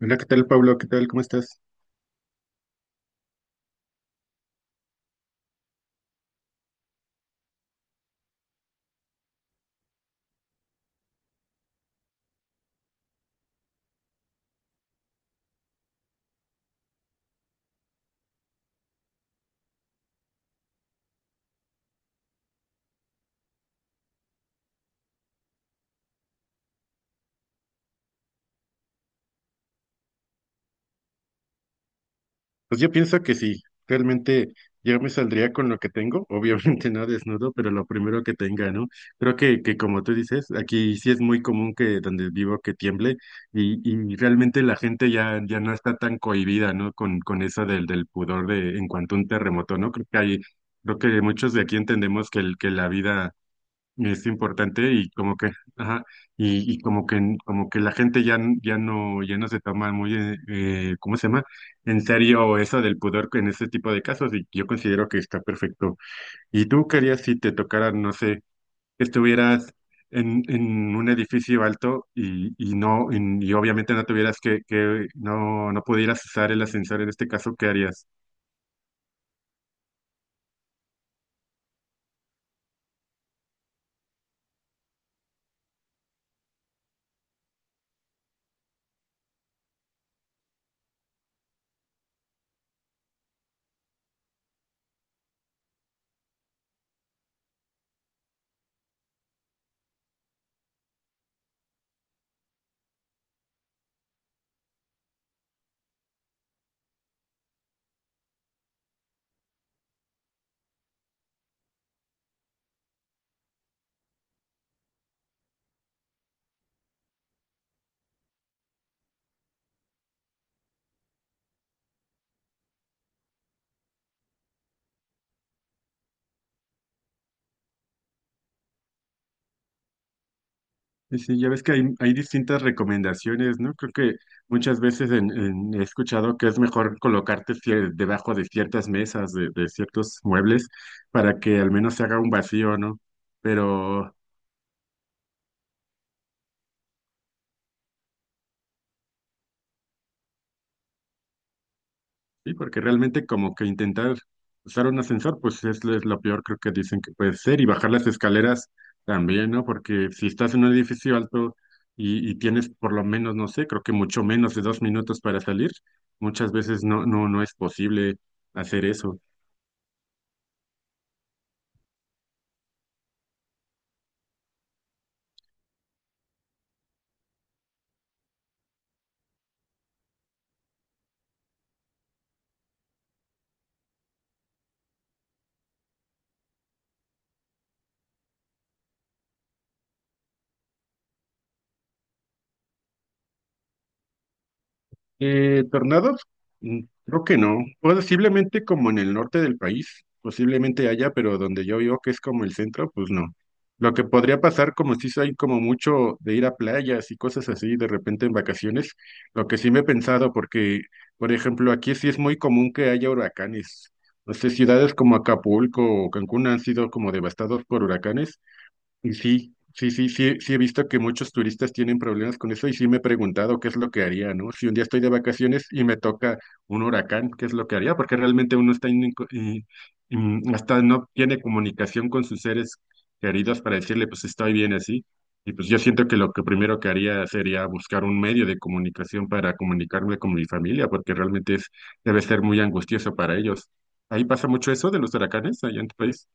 Hola, ¿qué tal, Pablo? ¿Qué tal? ¿Cómo estás? Pues yo pienso que sí, realmente yo me saldría con lo que tengo, obviamente no desnudo, pero lo primero que tenga, ¿no? Creo que como tú dices, aquí sí es muy común que donde vivo que tiemble y realmente la gente ya, ya no está tan cohibida, ¿no? Con eso del pudor de en cuanto a un terremoto, ¿no? Creo que hay, creo que muchos de aquí entendemos que, el, que la vida es importante y como que, ajá, y como que la gente ya, ya no, ya no se toma muy, ¿cómo se llama? En serio eso del pudor en ese tipo de casos y yo considero que está perfecto. ¿Y tú querías si te tocara, no sé, que estuvieras en un edificio alto y no, y obviamente no tuvieras que no, no pudieras usar el ascensor en este caso, ¿qué harías? Sí, sí, ya ves que hay distintas recomendaciones, ¿no? Creo que muchas veces he escuchado que es mejor colocarte debajo de ciertas mesas, de ciertos muebles, para que al menos se haga un vacío, ¿no? Pero sí, porque realmente como que intentar usar un ascensor, pues es, es lo peor creo que dicen que puede ser, y bajar las escaleras también, ¿no? Porque si estás en un edificio alto y tienes por lo menos, no sé, creo que mucho menos de dos minutos para salir, muchas veces no es posible hacer eso. Eh, tornados, Mm, creo que no. Posiblemente como en el norte del país, posiblemente haya, pero donde yo vivo, que es como el centro, pues no. Lo que podría pasar, como si hay como mucho de ir a playas y cosas así de repente en vacaciones, lo que sí me he pensado, porque, por ejemplo, aquí sí es muy común que haya huracanes. No sé, ciudades como Acapulco o Cancún han sido como devastados por huracanes. Y sí, sí, sí, sí, sí he visto que muchos turistas tienen problemas con eso y sí me he preguntado qué es lo que haría, ¿no? Si un día estoy de vacaciones y me toca un huracán, ¿qué es lo que haría? Porque realmente uno está hasta no tiene comunicación con sus seres queridos para decirle, pues estoy bien así. Y pues yo siento que lo que primero que haría sería buscar un medio de comunicación para comunicarme con mi familia, porque realmente es, debe ser muy angustioso para ellos. Ahí pasa mucho eso de los huracanes allá en tu país.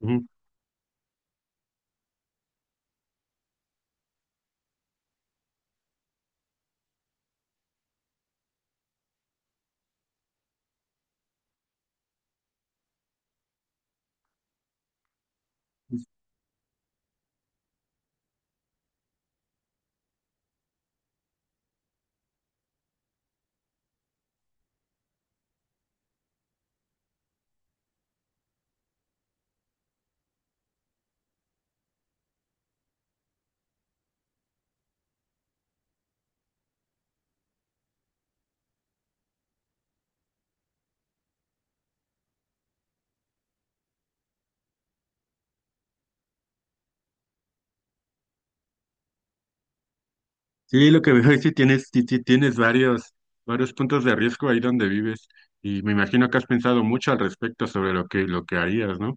Ujú. Sí, lo que veo es que tienes, sí tienes varios, varios puntos de riesgo ahí donde vives y me imagino que has pensado mucho al respecto sobre lo que harías, ¿no?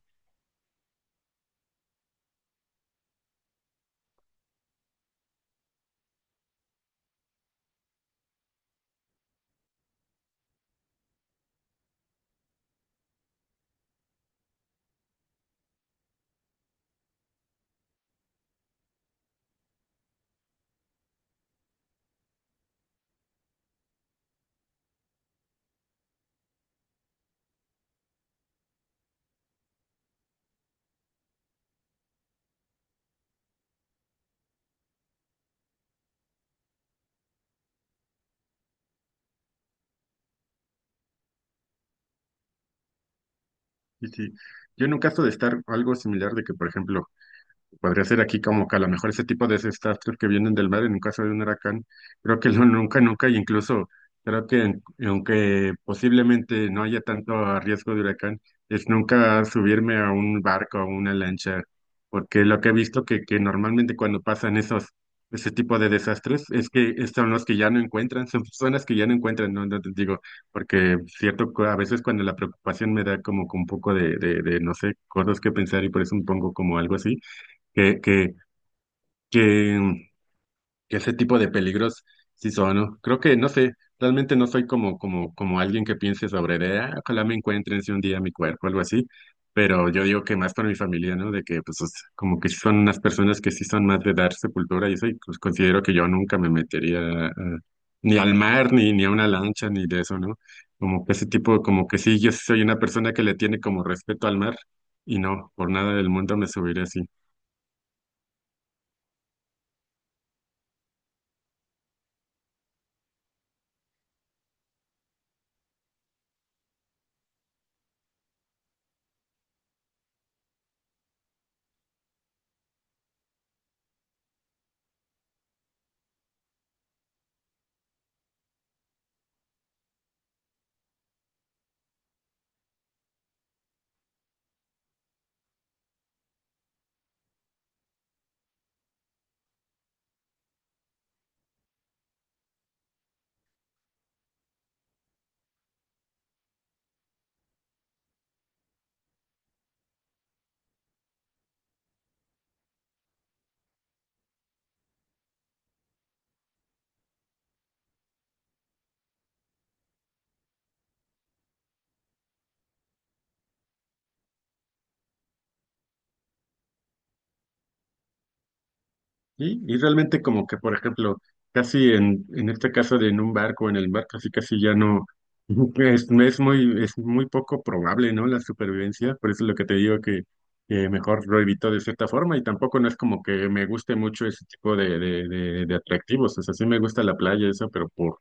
Y sí, yo en un caso de estar algo similar de que, por ejemplo, podría ser aquí como que a lo mejor ese tipo de desastres que vienen del mar en un caso de un huracán, creo que no, nunca, nunca, y incluso creo que aunque posiblemente no haya tanto riesgo de huracán, es nunca subirme a un barco o una lancha, porque lo que he visto que normalmente cuando pasan esos, ese tipo de desastres es que son los que ya no encuentran, son personas que ya no encuentran, no, no te digo, porque cierto, a veces cuando la preocupación me da como que un poco de no sé, cosas que pensar y por eso me pongo como algo así que, que, que, que ese tipo de peligros sí son, ¿no? Creo que, no sé, realmente no soy como, como, como alguien que piense sobre de, ah, ojalá me encuentren si un día mi cuerpo, algo así, pero yo digo que más para mi familia, ¿no? De que, pues, o sea, como que son unas personas que sí son más de dar sepultura y eso, y pues considero que yo nunca me metería eh, ni al mar, ni, ni a una lancha, ni de eso, ¿no? Como que ese tipo, como que sí, yo sí soy una persona que le tiene como respeto al mar y no, por nada del mundo me subiré así. Y realmente como que, por ejemplo, casi en este caso de en un barco, en el mar, casi casi ya no, es muy poco probable, ¿no? La supervivencia, por eso es lo que te digo que mejor lo evito de cierta forma y tampoco no es como que me guste mucho ese tipo de atractivos, o sea, sí me gusta la playa, eso, pero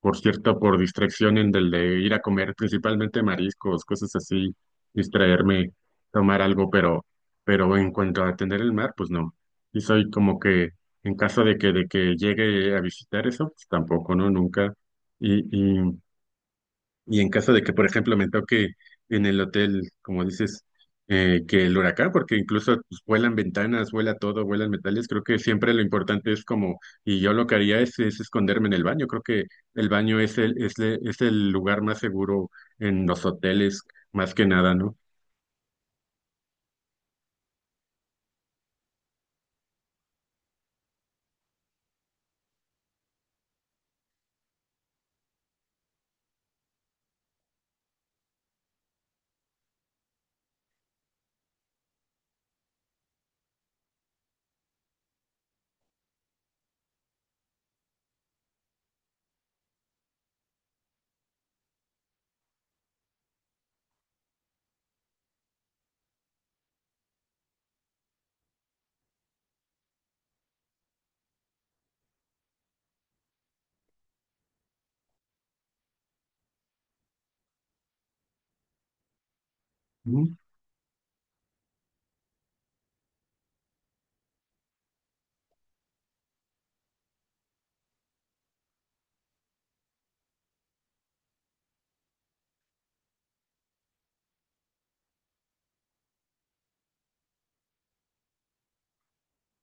por cierto, por distracción en del de ir a comer principalmente mariscos, cosas así, distraerme, tomar algo, pero en cuanto a atender el mar, pues no. Y soy como que, en caso de que llegue a visitar eso, pues tampoco, ¿no? Nunca. Y y en caso de que, por ejemplo, me toque en el hotel, como dices, que el huracán, porque incluso pues, vuelan ventanas, vuela todo, vuelan metales, creo que siempre lo importante es como, y yo lo que haría es esconderme en el baño. Creo que el baño es el, es, es el lugar más seguro en los hoteles, más que nada, ¿no?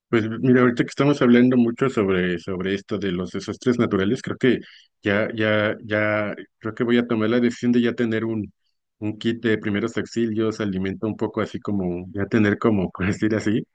Pues mira, ahorita que estamos hablando mucho sobre, sobre esto de los desastres naturales, creo que ya, ya, ya, creo que voy a tomar la decisión de ya tener un kit de primeros auxilios, alimento un poco así como, ya tener como, por decir así,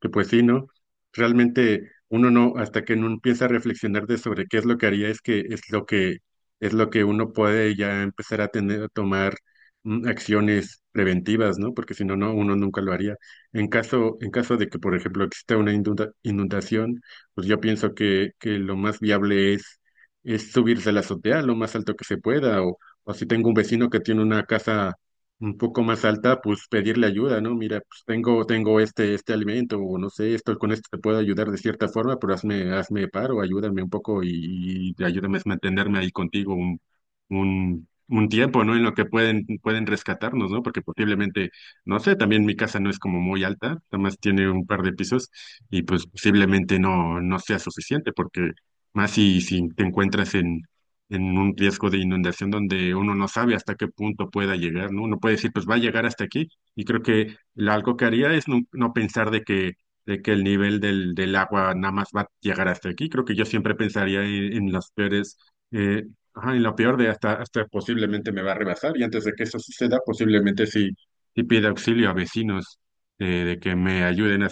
que pues sí, ¿no? Realmente uno no, hasta que no empieza a reflexionar de sobre qué es lo que haría, es que es lo que es lo que uno puede ya empezar a tener, a tomar acciones preventivas, ¿no? Porque si no, no, uno nunca lo haría. En caso de que, por ejemplo, exista una inundación, pues yo pienso que lo más viable es subirse a la azotea lo más alto que se pueda, o si tengo un vecino que tiene una casa un poco más alta, pues pedirle ayuda, ¿no? Mira, pues tengo, tengo este, este alimento, o no sé, esto con esto te puedo ayudar de cierta forma, pero hazme, hazme paro, ayúdame un poco y ayúdame a mantenerme ahí contigo un tiempo, ¿no? En lo que pueden, pueden rescatarnos, ¿no? Porque posiblemente, no sé, también mi casa no es como muy alta, nada más tiene un par de pisos, y pues posiblemente no, no sea suficiente, porque más si, si te encuentras en un riesgo de inundación donde uno no sabe hasta qué punto pueda llegar, ¿no? Uno puede decir, pues va a llegar hasta aquí. Y creo que algo que haría es no, no pensar de que el nivel del, del agua nada más va a llegar hasta aquí. Creo que yo siempre pensaría en las peores, eh, ajá, en lo peor de hasta, hasta posiblemente me va a rebasar. Y antes de que eso suceda, posiblemente sí, sí pida auxilio a vecinos. Eh, de que me ayuden a,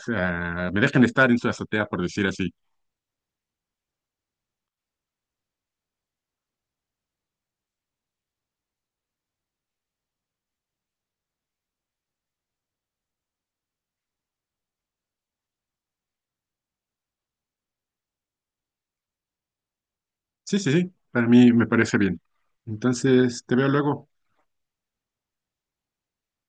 me dejen estar en su azotea, por decir así. Sí, sí, sí, para mí me parece bien. Entonces, te veo luego.